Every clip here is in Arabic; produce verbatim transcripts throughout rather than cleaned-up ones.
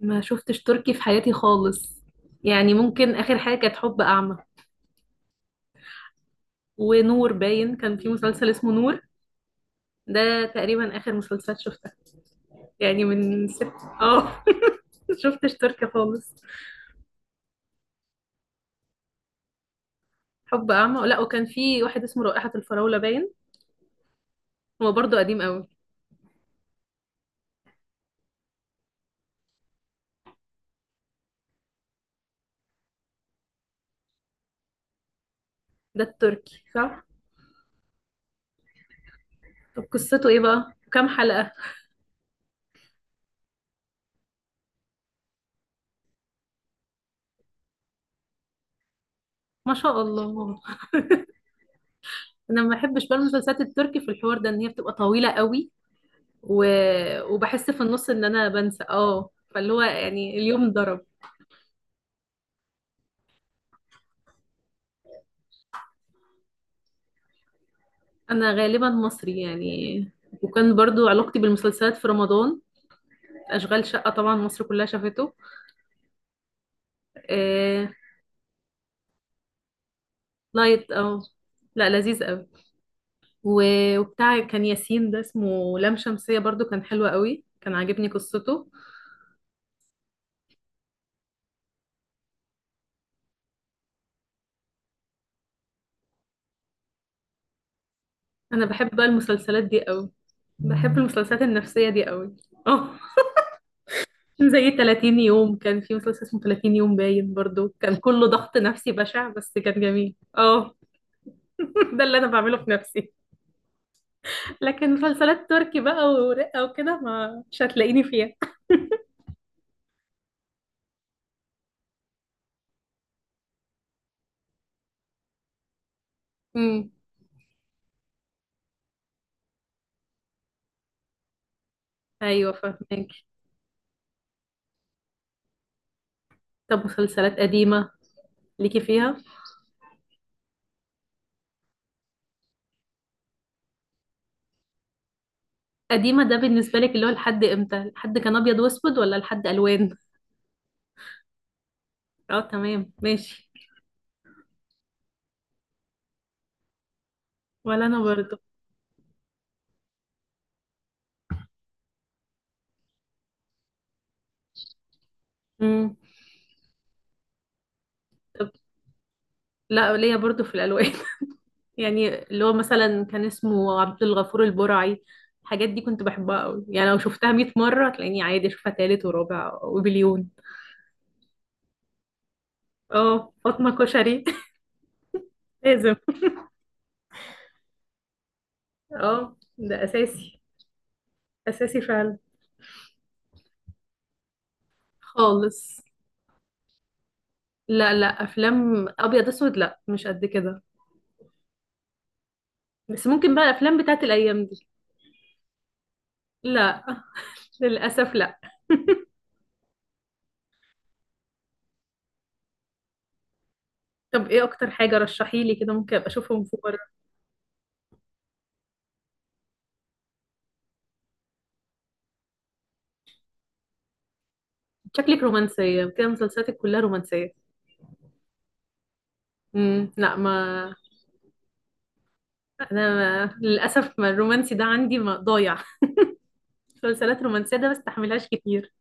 ما شفتش تركي في حياتي خالص. يعني ممكن آخر حاجة كانت حب أعمى. ونور باين كان في مسلسل اسمه نور. ده تقريبا آخر مسلسل شفتها. يعني من ست اه شفتش تركي خالص. حب أعمى، لا وكان في واحد اسمه رائحة الفراولة باين. هو برضه قديم قوي. ده التركي صح؟ طب قصته ايه بقى؟ كام حلقة؟ ما شاء الله. انا ما بحبش بقى المسلسلات التركي في الحوار ده، ان هي بتبقى طويلة قوي و... وبحس في النص ان انا بنسى اه فاللي هو يعني اليوم ضرب. انا غالبا مصري يعني، وكان برضو علاقتي بالمسلسلات في رمضان. اشغال شقة طبعا مصر كلها شافته. آه... لايت او، لا لذيذ قوي. و- وبتاع كان ياسين، ده اسمه لام شمسية، برضو كان حلو قوي، كان عاجبني قصته. انا بحب بقى المسلسلات دي قوي، بحب المسلسلات النفسية دي قوي. اه زي ثلاثين يوم، كان في مسلسل اسمه ثلاثين يوم باين، برضو كان كله ضغط نفسي بشع بس كان جميل. اه ده اللي انا بعمله في نفسي. لكن مسلسلات تركي بقى ورقة وكده، ما مش هتلاقيني فيها. امم، ايوه فاهمك. طب مسلسلات قديمة ليكي فيها؟ قديمة ده بالنسبة لك اللي هو لحد امتى؟ لحد كان ابيض واسود ولا لحد الوان؟ اه تمام ماشي. ولا انا برضو. امم، لا ليا برضو في الالوان. يعني اللي هو مثلا كان اسمه عبد الغفور البرعي، الحاجات دي كنت بحبها قوي. يعني لو شفتها مئة مرة هتلاقيني عادي اشوفها تالت ورابع وبليون. اه فاطمة كشري. لازم، اه ده اساسي، اساسي فعلا. خالص، لا لا افلام ابيض اسود لا مش قد كده. بس ممكن بقى الافلام بتاعت الايام دي. لا للاسف لا. طب ايه اكتر حاجه رشحي لي كده ممكن ابقى اشوفهم في مره؟ شكلك رومانسيه كده، مسلسلاتك كلها رومانسيه. امم، لا ما انا ما... للاسف ما الرومانسي ده عندي ما ضايع. مسلسلات رومانسيه ده ما بستحملهاش كتير.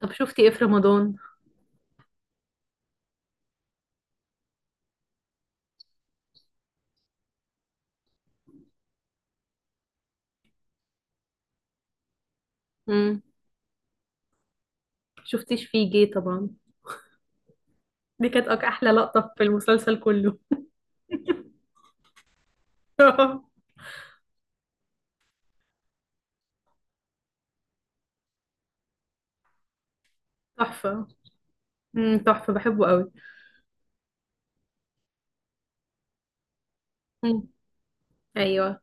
طب شفتي ايه في رمضان؟ امم، شفتيش فيه جه طبعا، دي كانت أك- احلى لقطه في المسلسل كله. تحفه، امم تحفة بحبه قوي. مم. ايوه.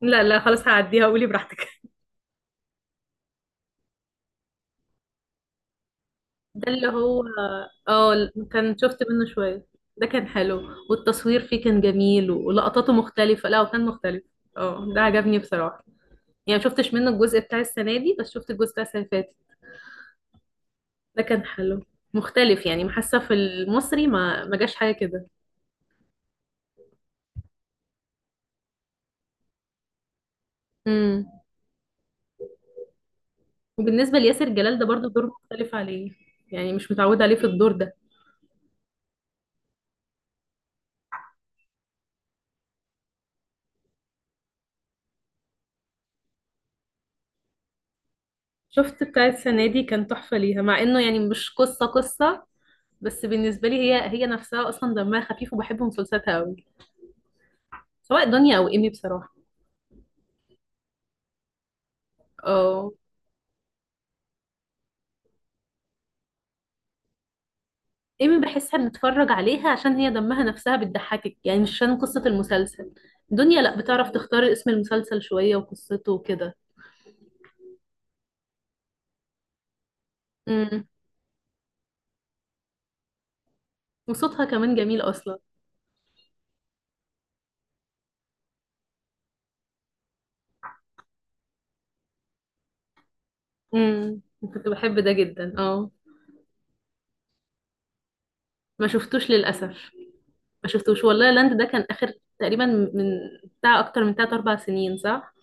لا لا خلاص هعديها، قولي براحتك. ده اللي هو، اه كان شفت منه شوية. ده كان حلو، والتصوير فيه كان جميل ولقطاته مختلفة، لا وكان مختلف. اه ده عجبني بصراحة. يعني شفتش منه الجزء بتاع السنة دي، بس شفت الجزء بتاع السنة اللي فاتت. ده كان حلو، مختلف يعني، حاسة في المصري ما ما جاش حاجة كده. امم. وبالنسبة لياسر جلال ده برضو دور مختلف عليه، يعني مش متعودة عليه في الدور ده. شفت بتاع السنة دي كان تحفة ليها، مع انه يعني مش قصة قصة. بس بالنسبة لي هي هي نفسها اصلا دمها خفيف وبحب مسلسلاتها قوي، سواء دنيا او ايمي بصراحة. اه، ايمي بحسها بنتفرج عليها عشان هي دمها نفسها بتضحكك، يعني مش عشان قصة المسلسل. دنيا لا، بتعرف تختار اسم المسلسل شوية وقصته وكده. امم، وصوتها كمان جميل اصلا. امم كنت بحب ده جدا اه. ما شفتوش للأسف. ما شفتوش والله، لاند ده كان آخر تقريبا، من بتاع أكتر من تلات أربع سنين صح؟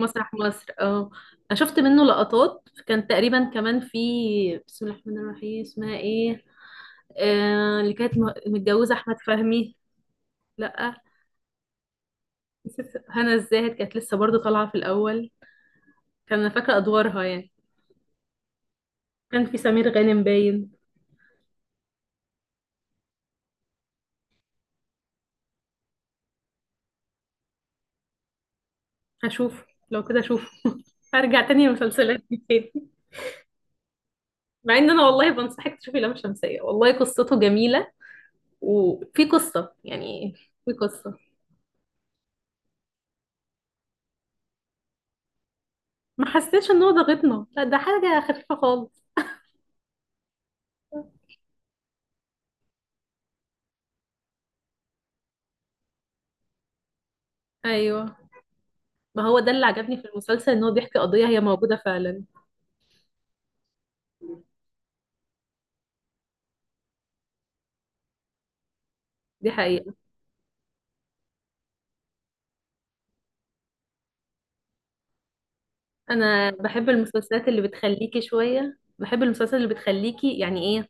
مسرح مصر، اه أنا شفت منه لقطات، كان تقريبا كمان في بسم الله الرحمن الرحيم، اسمها ايه؟ آه اللي كانت م- متجوزة احمد فهمي. لا نسيت، هنا الزاهد كانت لسه برضو طالعة في الاول، كان انا فاكرة ادوارها يعني. كان في سمير غانم باين. هشوف، لو كده اشوف. هرجع تاني المسلسلات دي تاني. مع ان انا والله بنصحك تشوفي لام شمسية، والله قصته جميلة، وفي قصة يعني، في قصة. ما حسيتش ان هو ضاغطنا، لا ده حاجة خفيفة خالص. ايوه ما هو ده اللي عجبني في المسلسل، ان هو بيحكي قضية هي موجودة فعلا. دي حقيقة. انا بحب المسلسلات اللي بتخليكي شوية، بحب المسلسلات اللي بتخليكي يعني ايه،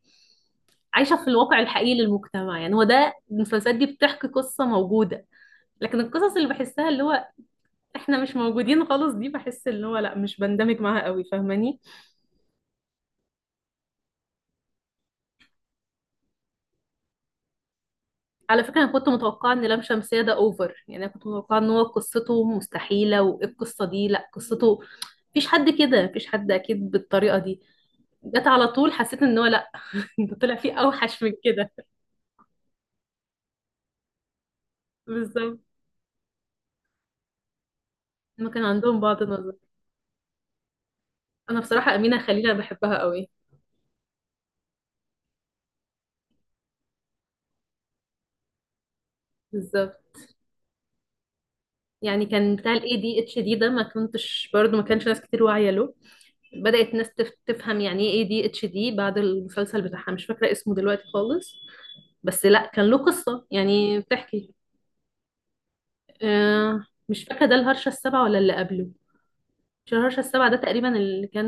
عايشة في الواقع الحقيقي للمجتمع. يعني هو ده، المسلسلات دي بتحكي قصة موجودة، لكن القصص اللي بحسها اللي هو احنا مش موجودين خالص، دي بحس اللي هو لا مش بندمج معاها قوي، فاهماني؟ على فكرة أنا كنت متوقعة إن لام شمسية ده أوفر، يعني أنا كنت متوقعة إن هو قصته مستحيلة وإيه القصة دي، لأ قصته مفيش حد كده، مفيش حد أكيد بالطريقة دي، جت على طول حسيت إن هو لأ. ده طلع فيه أوحش من كده. بالظبط. ما كان عندهم بعض النظر. أنا بصراحة أمينة خليل أنا بحبها قوي. بالظبط. يعني كان بتاع ال A D H D ده، ما كنتش برضه، ما كانش ناس كتير واعية له. بدأت ناس تف- تفهم يعني إيه ADHD بعد المسلسل بتاعها. مش فاكرة اسمه دلوقتي خالص، بس لا كان له قصة يعني بتحكي. آه مش فاكرة، ده الهرشة السابعة ولا اللي قبله؟ مش الهرشة السابعة، ده تقريبا اللي كان،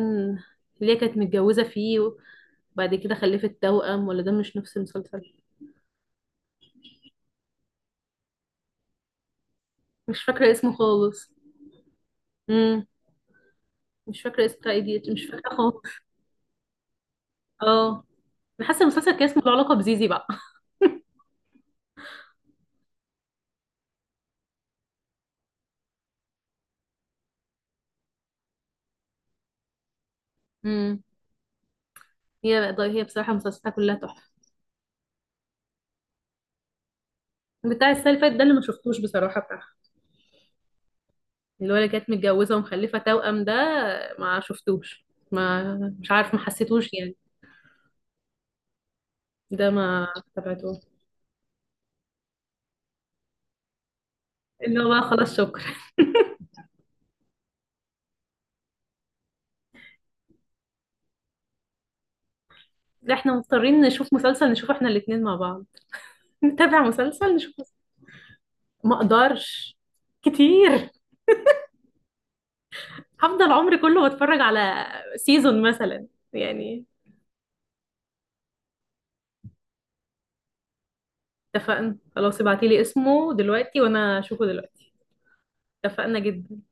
اللي هي كانت متجوزة فيه وبعد كده خلفت توأم، ولا ده مش نفس المسلسل. مش فاكرة اسمه خالص. امم. مش فاكرة اسمه بتاع ايديت، مش فاكرة خالص. اه انا حاسة المسلسل كان اسمه له علاقة بزيزي بقى. امم. هي هي بصراحة مسلسلاتها كلها تحفة. بتاع السنة اللي فاتت ده اللي ما شفتوش بصراحة بتاعها. اللي هو اللي كانت متجوزة ومخلفة توأم ده ما شفتوش. ما مش عارف ما حسيتوش يعني. ده ما تابعتوش. اللي هو بقى خلاص شكرا. لا احنا مضطرين نشوف مسلسل، نشوف احنا الاتنين مع بعض، نتابع مسلسل، نشوف مسلسل. ما اقدرش كتير. هفضل عمري كله بتفرج على سيزون مثلا يعني. اتفقنا خلاص، ابعتيلي اسمه دلوقتي وانا اشوفه دلوقتي. اتفقنا جدا.